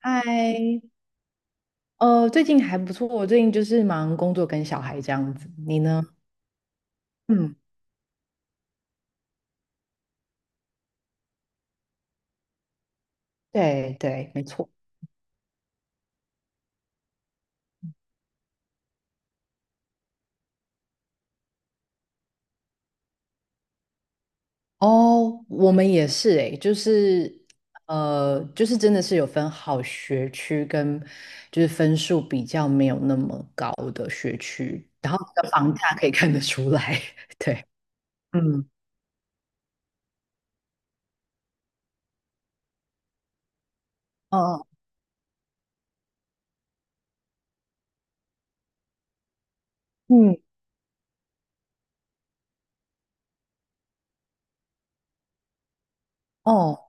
嗨，最近还不错，我最近就是忙工作跟小孩这样子。你呢？嗯，对对，没错。哦，我们也是诶，就是就是真的是有分好学区跟就是分数比较没有那么高的学区，然后你的房价可以看得出来。对，嗯，哦，哦，嗯，哦，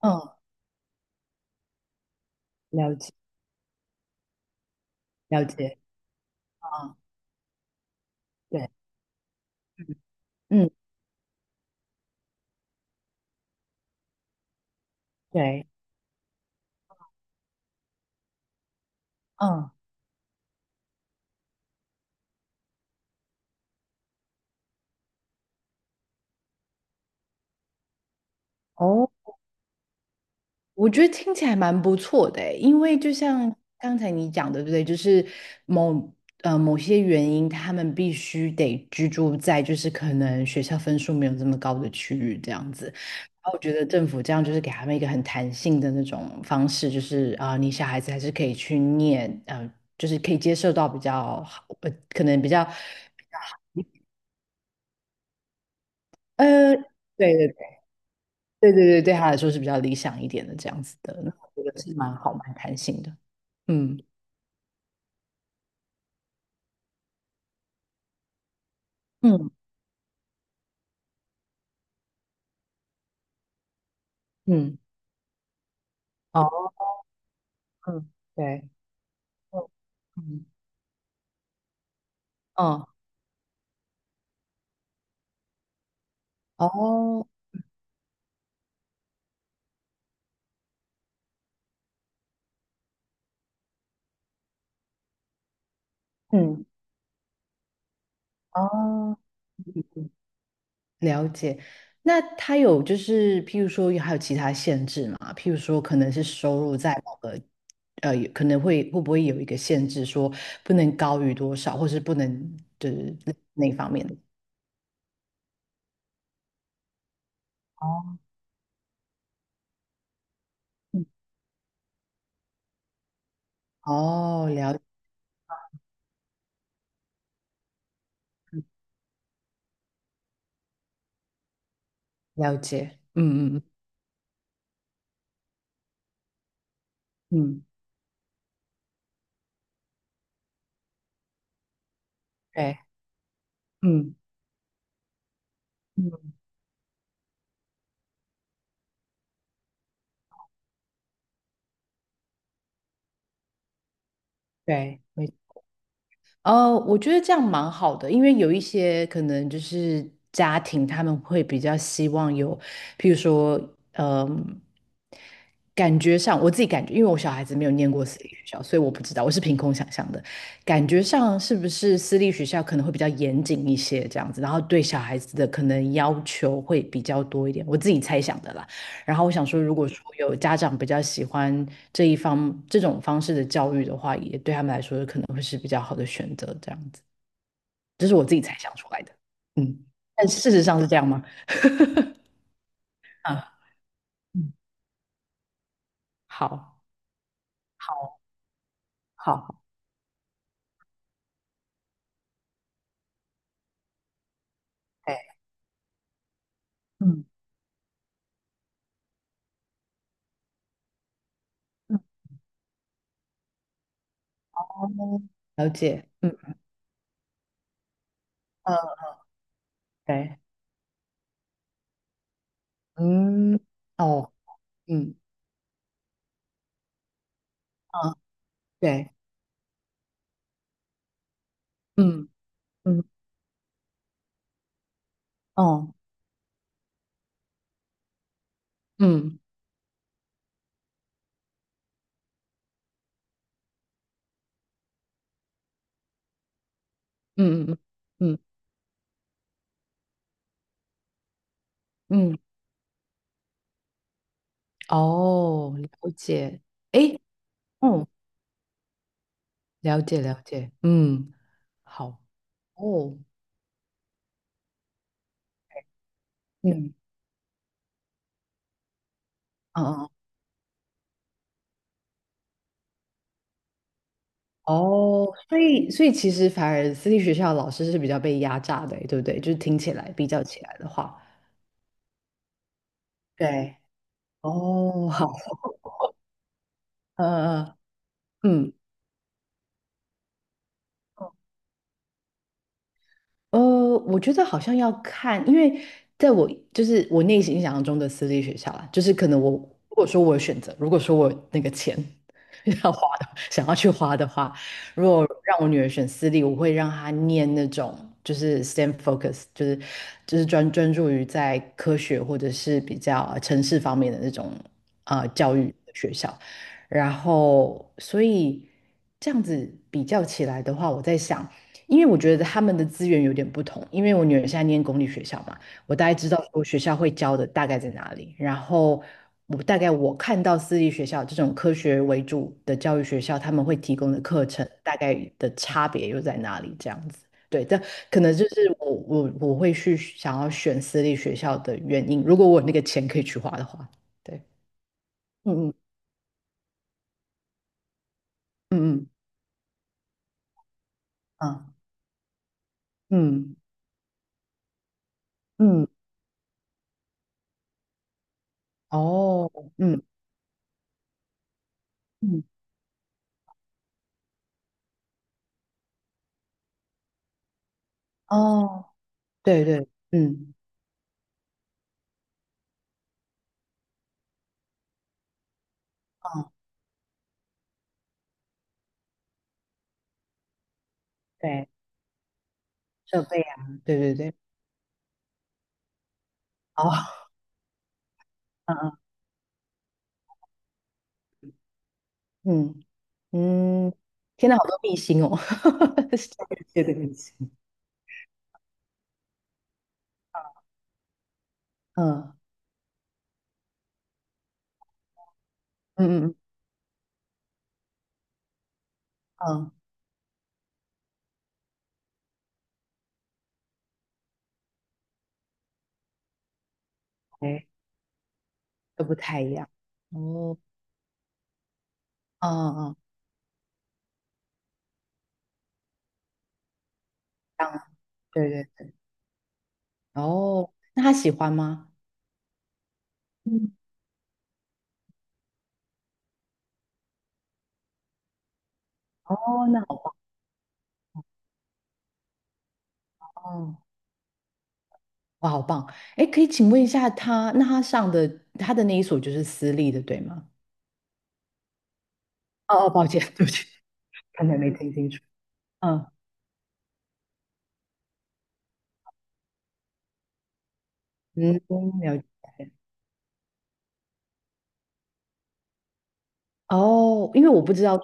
嗯，了解了解，啊，对，嗯嗯，对，嗯。哦。我觉得听起来蛮不错的诶，因为就像刚才你讲的，对不对？就是某某些原因，他们必须得居住在就是可能学校分数没有这么高的区域这样子。然后我觉得政府这样就是给他们一个很弹性的那种方式，就是啊、你小孩子还是可以去念，就是可以接受到比较好，可能比较呃，对对对对对对，对他来说是比较理想一点的这样子的，那我觉得是蛮好蛮弹性的，嗯嗯。嗯，哦，嗯对，嗯嗯，嗯，哦，嗯哦嗯对嗯嗯哦哦嗯哦了解。那他有就是，譬如说还有其他限制吗？譬如说可能是收入在某个，有可能会不会有一个限制，说不能高于多少，或是不能就是那方面的。哦，嗯哦，了解，嗯嗯嗯，嗯对，嗯嗯，对，没呃，我觉得这样蛮好的，因为有一些可能就是家庭，他们会比较希望有，譬如说，嗯、感觉上我自己感觉，因为我小孩子没有念过私立学校，所以我不知道，我是凭空想象的。感觉上是不是私立学校可能会比较严谨一些这样子，然后对小孩子的可能要求会比较多一点，我自己猜想的啦。然后我想说，如果说有家长比较喜欢这一方这种方式的教育的话，也对他们来说可能会是比较好的选择。这样子，这是我自己猜想出来的。嗯，但事实上是这样吗？啊，嗯，好，好，好，对，嗯嗯，哦，了解，嗯嗯，对，嗯，哦，嗯嗯，对，嗯嗯，哦，嗯嗯嗯嗯嗯嗯，哦，了解，诶。哦了解了解，嗯，好，哦，嗯嗯嗯，哦，所以其实反而私立学校的老师是比较被压榨的欸，对不对？就是听起来比较起来的话，对，哦，好，嗯嗯嗯。嗯呃，我觉得好像要看，因为在我就是我内心想象中的私立学校啦，就是可能我如果说我有选择，如果说我有那个钱 要花的，想要去花的话，如果让我女儿选私立，我会让她念那种就是 STEM focus，就是专注于在科学或者是比较城市方面的那种啊、教育的学校，然后所以这样子比较起来的话，我在想。因为我觉得他们的资源有点不同，因为我女儿现在念公立学校嘛，我大概知道说学校会教的大概在哪里，然后我大概我看到私立学校这种科学为主的教育学校，他们会提供的课程大概的差别又在哪里这样子。对，这可能就是我会去想要选私立学校的原因，如果我有那个钱可以去花的话，对，嗯嗯嗯嗯嗯嗯，哦，嗯嗯哦，对对，嗯。对，设备啊，对对对，哦，嗯嗯嗯嗯，天呐，好多秘辛哦，商业界的秘辛嗯嗯嗯嗯，哎，都不太一样，哦，嗯嗯，这样，对对，哦，那他喜欢吗？嗯，哦，那好棒，哇，好棒，哎，可以请问一下他，那他的那一所就是私立的，对吗？哦哦，抱歉，对不起，可能没听清楚，嗯嗯，了解。哦，因为我不知道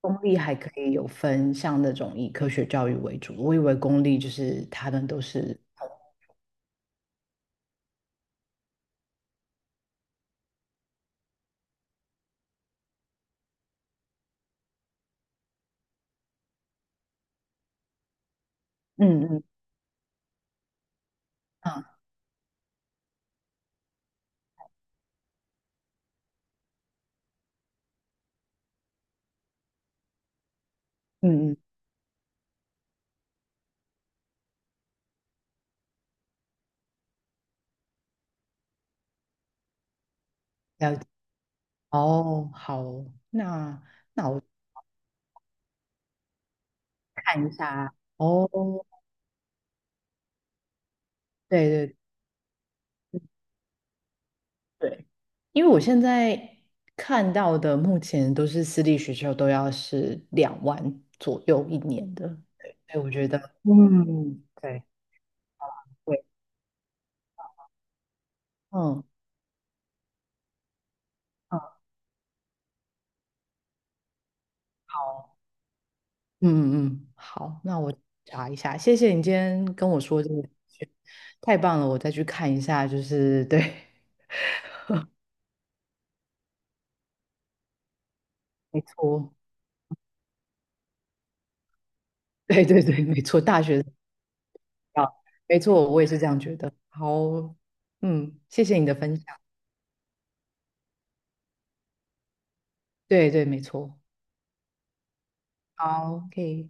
公立还可以有分像那种以科学教育为主，我以为公立就是他们都是，嗯嗯嗯嗯嗯，了解。哦，好哦，那我看一下。哦，对对对，因为我现在看到的目前都是私立学校都要是2万左右一年的，对，所以我觉得，嗯，对对，嗯嗯，好。嗯嗯，嗯，好，那我查一下。谢谢你今天跟我说这个，太棒了，我再去看一下。就是对，没错，对对对，没错，大学啊，没错，我也是这样觉得。好，嗯，谢谢你的分享。对对，没错。好，OK。